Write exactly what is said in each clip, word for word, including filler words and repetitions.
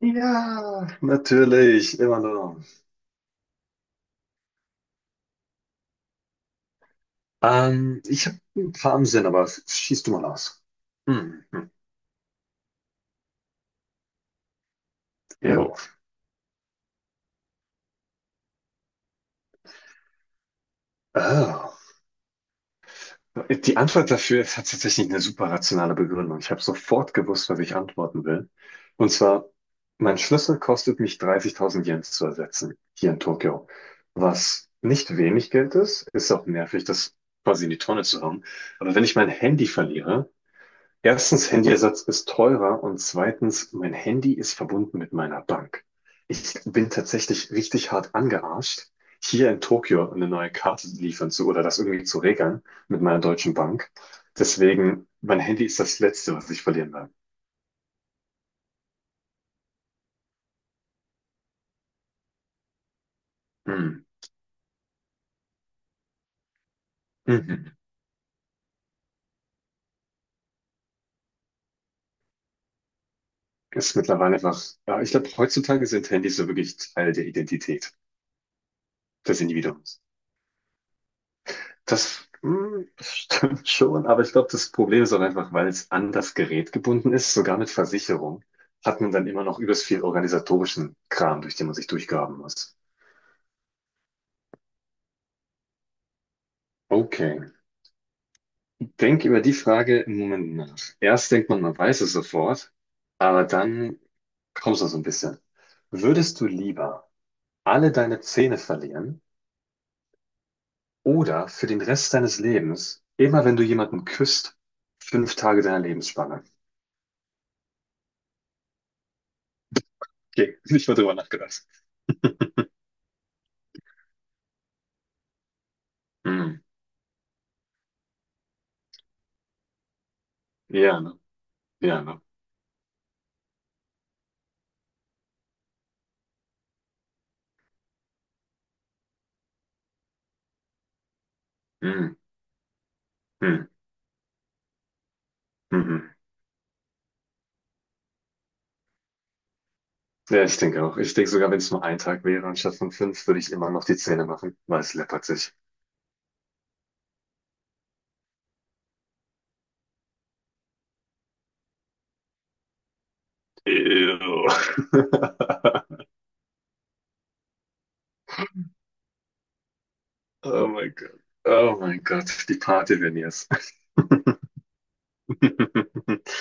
Ja, natürlich, immer nur. Ähm, ich habe ein paar im Sinn, aber schieß du mal aus. Hm, hm. Ja. Jo. Ah. Die Antwort dafür hat tatsächlich eine super rationale Begründung. Ich habe sofort gewusst, was ich antworten will. Und zwar, mein Schlüssel kostet mich dreißigtausend Yen zu ersetzen, hier in Tokio. Was nicht wenig Geld ist, ist auch nervig, das quasi in die Tonne zu hauen. Aber wenn ich mein Handy verliere, erstens, Handyersatz ist teurer und zweitens, mein Handy ist verbunden mit meiner Bank. Ich bin tatsächlich richtig hart angearscht, hier in Tokio eine neue Karte liefern zu oder das irgendwie zu regeln mit meiner deutschen Bank. Deswegen, mein Handy ist das Letzte, was ich verlieren werde. Hm. Mhm. Ist mittlerweile einfach, ja, ich glaube, heutzutage sind Handys so wirklich Teil der Identität des Individuums. Das, hm, das stimmt schon, aber ich glaube, das Problem ist auch einfach, weil es an das Gerät gebunden ist, sogar mit Versicherung, hat man dann immer noch übelst viel organisatorischen Kram, durch den man sich durchgraben muss. Okay, denk über die Frage im Moment nach. Erst denkt man, man weiß es sofort, aber dann kommst du so ein bisschen. Würdest du lieber alle deine Zähne verlieren oder für den Rest deines Lebens, immer wenn du jemanden küsst, fünf Tage deiner Lebensspanne? Okay, nicht mal drüber nachgedacht. Hm. Ja, ne? Ja, ne? Hm, hm, mhm. Ja, ich denke auch. Ich denke sogar, wenn es nur ein Tag wäre, anstatt von fünf, würde ich immer noch die Zähne machen, weil es läppert sich. Ew. Oh mein Gott. Oh mein Gott, die Party-Veneers.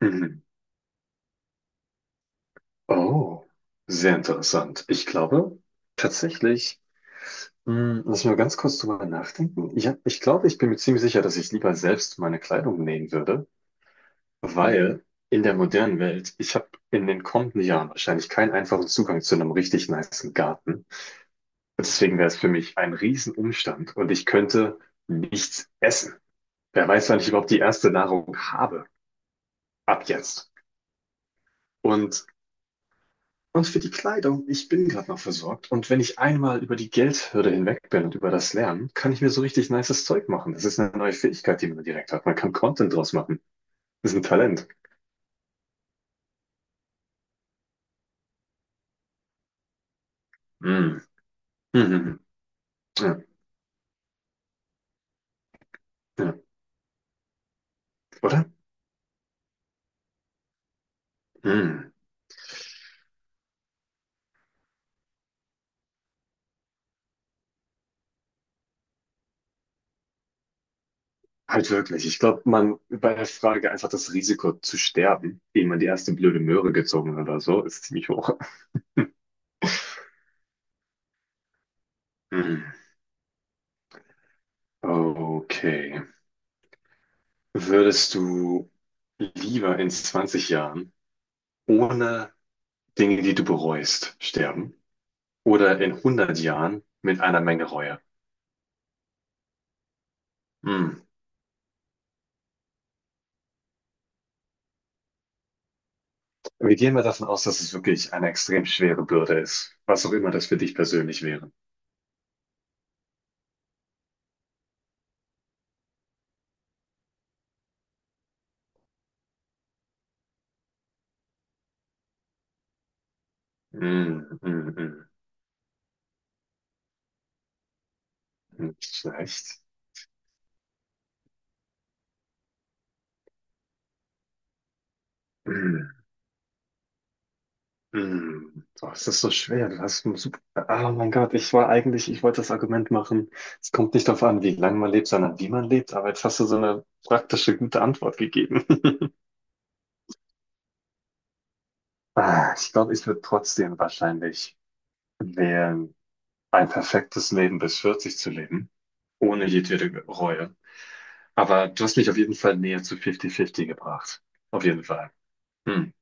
Mhm. Oh, sehr interessant. Ich glaube tatsächlich, hm, lass mal ganz kurz drüber nachdenken. Ich hab, ich glaube, ich bin mir ziemlich sicher, dass ich lieber selbst meine Kleidung nähen würde. Weil in der modernen Welt, ich habe in den kommenden Jahren wahrscheinlich keinen einfachen Zugang zu einem richtig nicen Garten. Und deswegen wäre es für mich ein Riesenumstand und ich könnte nichts essen. Wer weiß, wann ich überhaupt die erste Nahrung habe. Ab jetzt. Und, und für die Kleidung, ich bin gerade noch versorgt. Und wenn ich einmal über die Geldhürde hinweg bin und über das Lernen, kann ich mir so richtig nices Zeug machen. Das ist eine neue Fähigkeit, die man direkt hat. Man kann Content draus machen. Das ist ein Talent. Mm. Mhm. Ja, ja. Oder? Mm. Halt wirklich. Ich glaube, man bei der Frage einfach das Risiko zu sterben, ehe man die erste blöde Möhre gezogen hat oder so, ist ziemlich hoch. Hm. Okay. Würdest du lieber in zwanzig Jahren ohne Dinge, die du bereust, sterben oder in hundert Jahren mit einer Menge Reue? Hm. Wir gehen mal davon aus, dass es wirklich eine extrem schwere Bürde ist, was auch immer das für dich persönlich wäre. Hm, hm, hm. Nicht schlecht. Mhm. Hm, boah, es ist so schwer. Du hast einen super. Ah, oh mein Gott, ich war eigentlich, ich wollte das Argument machen. Es kommt nicht darauf an, wie lange man lebt, sondern wie man lebt. Aber jetzt hast du so eine praktische, gute Antwort gegeben. Ah, ich glaube, ich würde trotzdem wahrscheinlich wählen, ein perfektes Leben bis vierzig zu leben, ohne jedwede Reue. Aber du hast mich auf jeden Fall näher zu fünfzig fünfzig gebracht. Auf jeden Fall. Hm.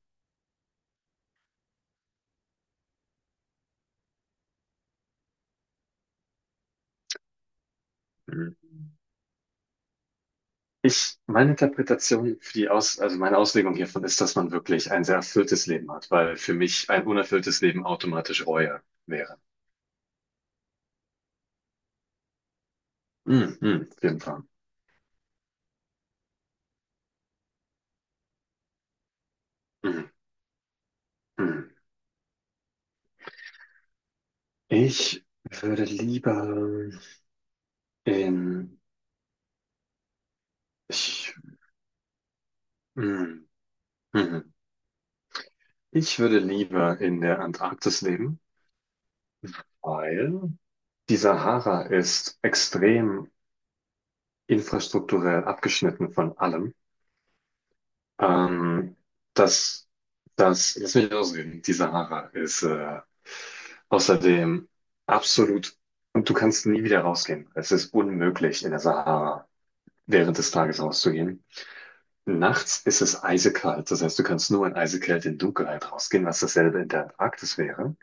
Hm. Ich, meine Interpretation für die Aus, also meine Auslegung hiervon ist, dass man wirklich ein sehr erfülltes Leben hat, weil für mich ein unerfülltes Leben automatisch Reue wäre. Mhm, mhm, auf jeden Fall. Mhm, mhm. Ich würde lieber in, ich, mhm, mhm. Ich würde lieber in der Antarktis leben, weil die Sahara ist extrem infrastrukturell abgeschnitten von allem. Ähm, das, das, lass mich ausreden, die Sahara ist äh, außerdem absolut, und du kannst nie wieder rausgehen. Es ist unmöglich, in der Sahara während des Tages rauszugehen. Nachts ist es eisekalt, das heißt, du kannst nur in Eisekälte in Dunkelheit rausgehen, was dasselbe in der Antarktis wäre.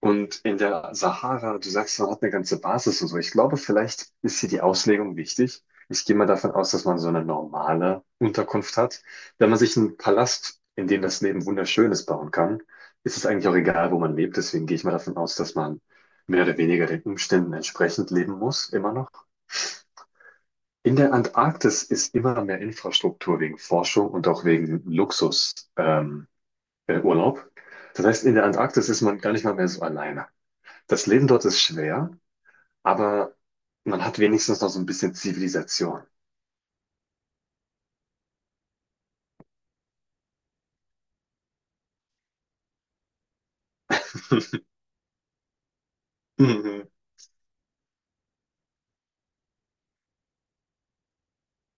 Und in der Sahara, du sagst, man hat eine ganze Basis und so. Ich glaube, vielleicht ist hier die Auslegung wichtig. Ich gehe mal davon aus, dass man so eine normale Unterkunft hat. Wenn man sich einen Palast, in dem das Leben wunderschön ist, bauen kann, ist es eigentlich auch egal, wo man lebt. Deswegen gehe ich mal davon aus, dass man mehr oder weniger den Umständen entsprechend leben muss, immer noch. In der Antarktis ist immer mehr Infrastruktur wegen Forschung und auch wegen Luxus, ähm, äh, Urlaub. Das heißt, in der Antarktis ist man gar nicht mal mehr so alleine. Das Leben dort ist schwer, aber man hat wenigstens noch so ein bisschen Zivilisation. Mhm.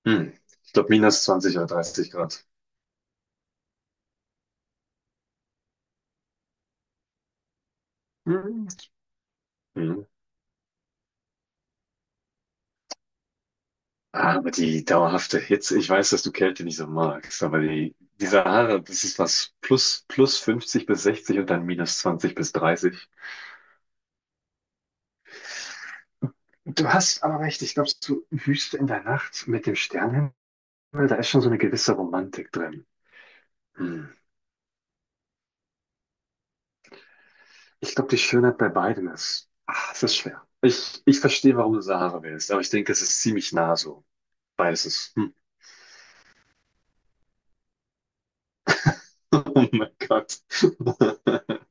Hm. Ich glaube, minus zwanzig oder dreißig Grad. Mhm. Mhm. Aber die dauerhafte Hitze, ich weiß, dass du Kälte nicht so magst, aber die, die Sahara, das ist was plus, plus fünfzig bis sechzig und dann minus zwanzig bis dreißig. Du hast aber recht, ich glaube, so Wüste in der Nacht mit dem Sternenhimmel, da ist schon so eine gewisse Romantik drin. Hm. Ich glaube, die Schönheit bei beiden ist, ah, es ist schwer. Ich, ich verstehe, warum du Sahara wählst, aber ich denke, es ist ziemlich nah so. Weißes. Hm. Oh mein Gott.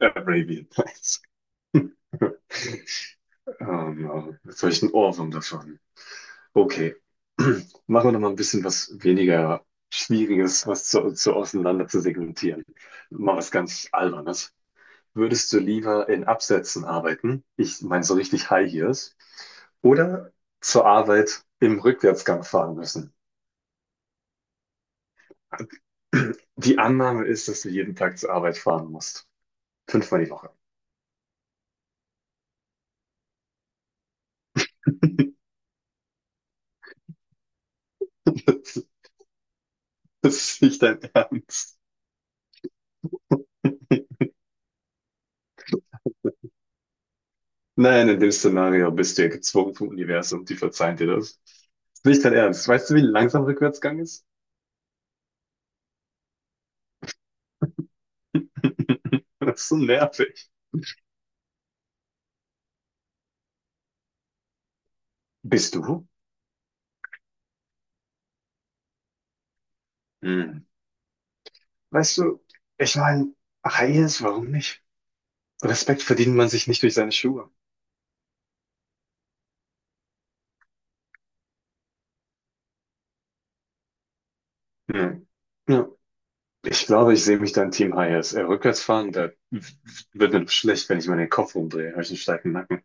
Arabian Nights. Oh no. Jetzt habe ich einen Ohrwurm davon. Okay. Machen wir noch mal ein bisschen was weniger Schwieriges, was zu, zu auseinander zu segmentieren. Mal was ganz Albernes. Würdest du lieber in Absätzen arbeiten? Ich meine so richtig High Heels oder zur Arbeit im Rückwärtsgang fahren müssen. Die Annahme ist, dass du jeden Tag zur Arbeit fahren musst. Fünfmal die Woche. Das ist nicht dein Ernst. Nein, in dem Szenario bist du ja gezwungen vom Universum, die verzeihen dir das. Ist nicht dein Ernst. Weißt du, wie langsam Rückwärtsgang ist? Das ist so nervig. Bist du? Hm. Weißt du, ich meine, High Heels, warum nicht? Respekt verdient man sich nicht durch seine Schuhe. Hm. Ja. Ich glaube, ich sehe mich dann Team Hayes. Äh, rückwärts fahren, da wird mir schlecht, wenn ich meinen Kopf rumdrehe. Habe ich einen steifen Nacken.